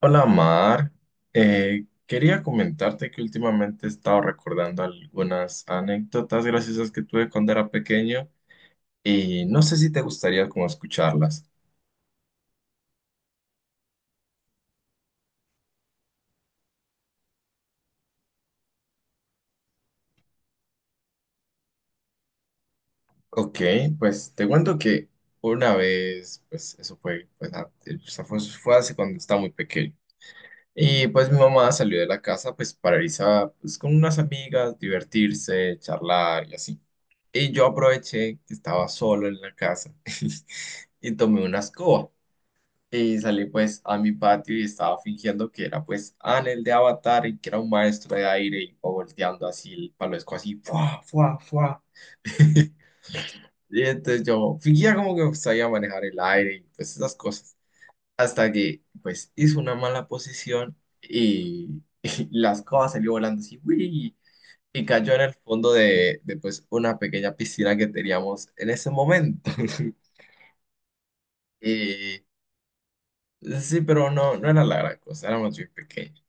Hola Mar. Quería comentarte que últimamente he estado recordando algunas anécdotas graciosas que tuve cuando era pequeño y no sé si te gustaría como escucharlas. Ok, pues te cuento que una vez, pues eso fue, pues, fue hace cuando estaba muy pequeño. Y pues mi mamá salió de la casa pues para irse a, pues, con unas amigas, divertirse, charlar y así. Y yo aproveché que estaba solo en la casa y tomé una escoba. Y salí pues a mi patio y estaba fingiendo que era pues Anel de Avatar y que era un maestro de aire y iba volteando así el palesco así, ¡fua, fua, fua! Y entonces yo fingía como que sabía manejar el aire y pues esas cosas. Hasta que pues hice una mala posición y, y la escoba salió volando así, ¡uy! Y cayó en el fondo de pues una pequeña piscina que teníamos en ese momento. Y sí, pero no, no era la gran cosa, éramos muy pequeños.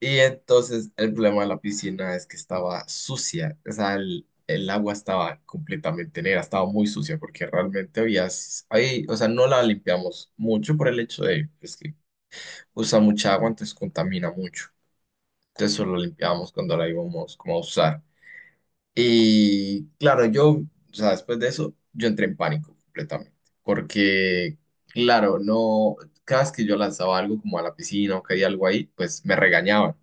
Y entonces el problema de la piscina es que estaba sucia, o sea, el agua estaba completamente negra, estaba muy sucia porque realmente había, ahí, o sea, no la limpiamos mucho por el hecho de pues, que usa mucha agua, entonces contamina mucho. Entonces solo la limpiábamos cuando la íbamos como a usar. Y claro, yo, o sea, después de eso, yo entré en pánico completamente porque, claro, no, cada vez que yo lanzaba algo como a la piscina o caía algo ahí, pues me regañaban.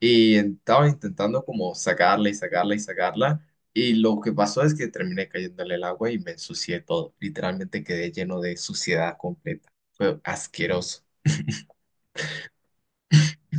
Y estaba intentando como sacarla y sacarla y sacarla. Y lo que pasó es que terminé cayéndole el agua y me ensucié todo. Literalmente quedé lleno de suciedad completa. Fue asqueroso.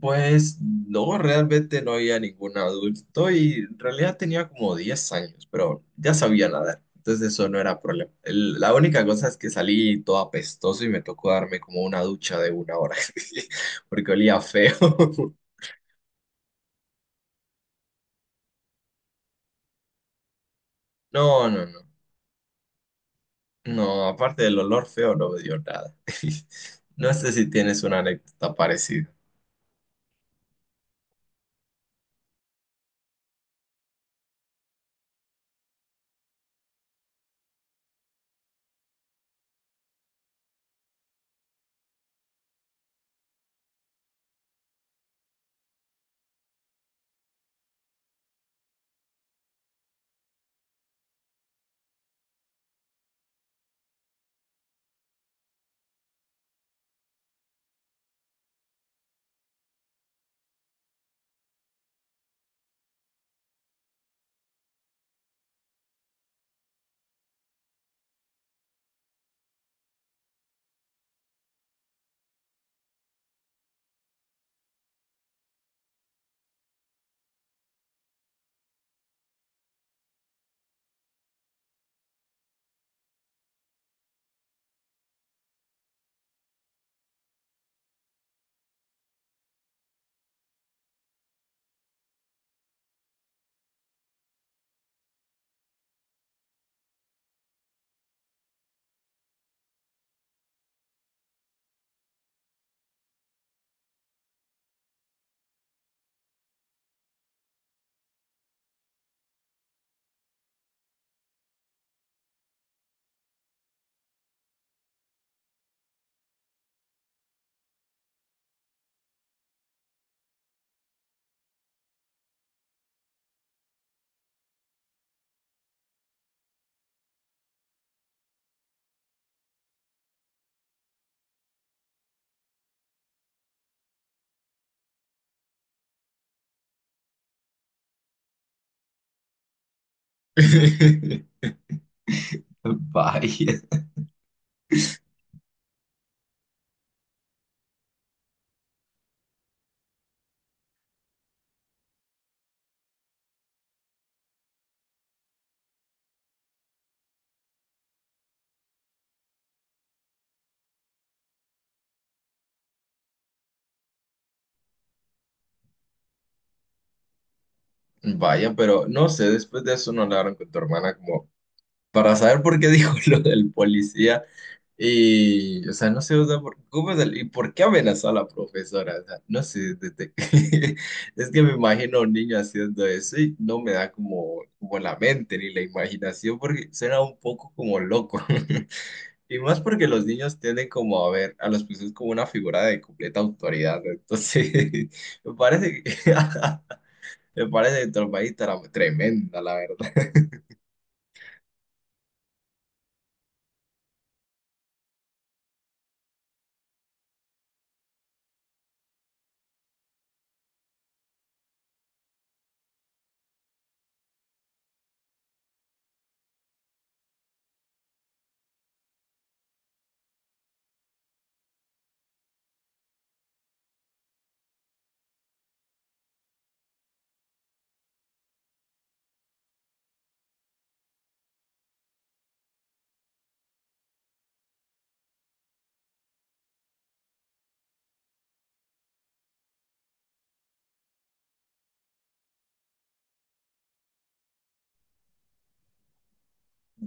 Pues no, realmente no había ningún adulto y en realidad tenía como 10 años, pero ya sabía nadar, entonces eso no era problema. El- la única cosa es que salí todo apestoso y me tocó darme como una ducha de 1 hora, porque olía feo. No, no, no. No, aparte del olor feo, no me dio nada. No sé si tienes una anécdota parecida. Vaya. Vaya, pero no sé, después de eso no hablaron con tu hermana como para saber por qué dijo lo del policía y, o sea, no sé, o sea, por, ¿cómo es el- y por qué amenazó a la profesora? O sea, no sé, desde- es que me imagino a un niño haciendo eso y no me da como, como la mente ni la imaginación porque suena un poco como loco. Y más porque los niños tienden como a ver a los profesores como una figura de completa autoridad, ¿no? Entonces, me parece que, me parece trompadita tremenda, la verdad.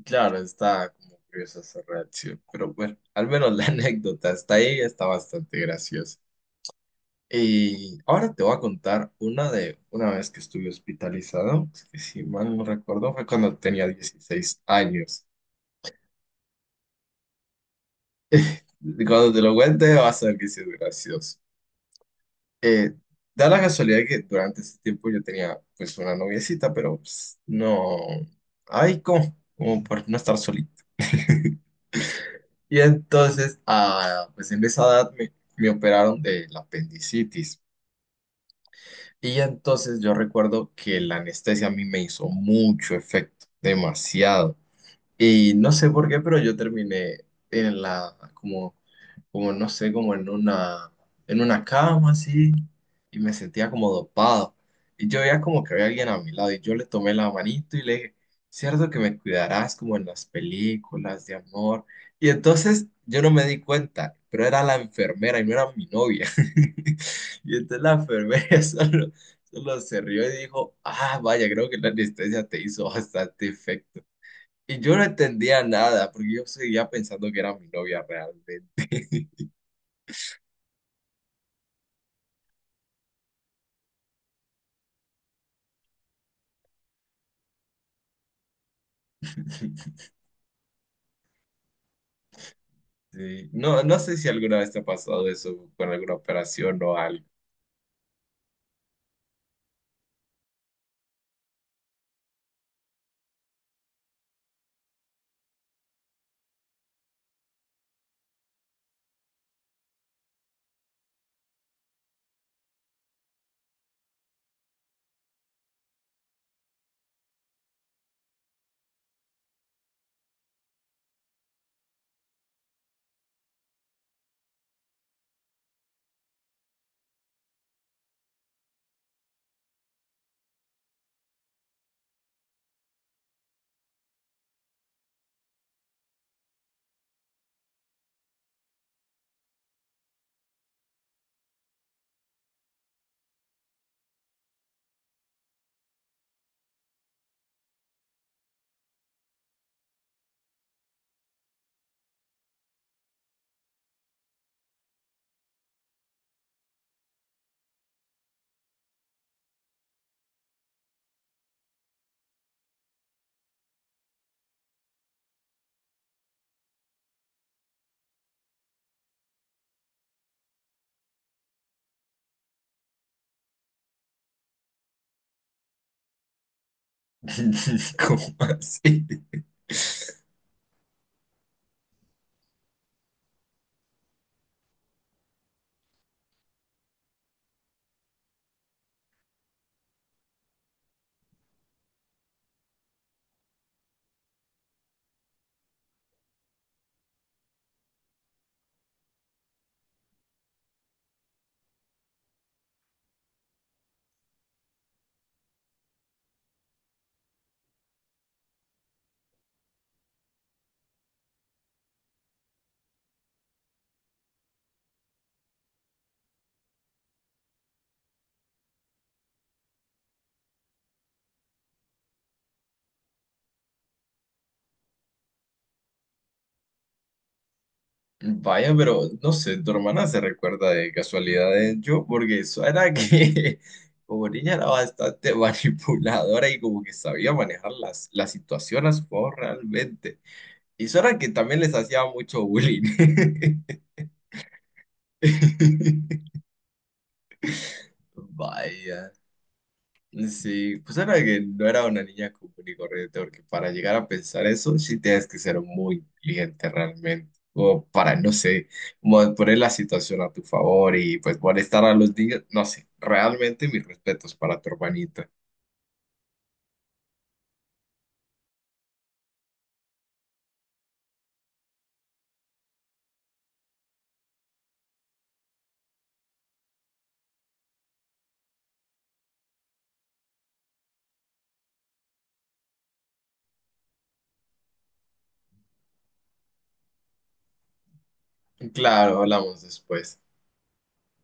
Claro, está como curiosa esa reacción, pero bueno, al menos la anécdota está ahí, está bastante graciosa. Y ahora te voy a contar una de una vez que estuve hospitalizado, que si mal no recuerdo fue cuando tenía 16 años. Cuando te lo cuente vas a ver que sí es gracioso. Eh, da la casualidad que durante ese tiempo yo tenía pues una noviecita, pero pues, no, ay, ¿cómo? Como por no estar solito. Y entonces, ah, pues en esa edad me, me operaron de la apendicitis. Y entonces yo recuerdo que la anestesia a mí me hizo mucho efecto, demasiado. Y no sé por qué, pero yo terminé en la, como, como no sé, como en una cama así, y me sentía como dopado. Y yo veía como que había alguien a mi lado, y yo le tomé la manito y le dije, cierto que me cuidarás como en las películas de amor. Y entonces yo no me di cuenta, pero era la enfermera y no era mi novia. Y entonces la enfermera solo se rió y dijo, ah, vaya, creo que la anestesia te hizo bastante efecto. Y yo no entendía nada, porque yo seguía pensando que era mi novia realmente. Sí. No, no sé si alguna vez te ha pasado eso con alguna operación o algo. ¿Cómo así? Vaya, pero no sé, tu hermana se recuerda de casualidades yo, porque eso era que como niña era bastante manipuladora y como que sabía manejar la situación a su favor realmente. Y eso era que también les hacía mucho bullying. Vaya, sí, pues era que no era una niña común y corriente, porque para llegar a pensar eso sí tienes que ser muy inteligente realmente, o para, no sé, poner la situación a tu favor y pues molestar a los niños, no sé, realmente mis respetos para tu hermanita. Claro, hablamos después.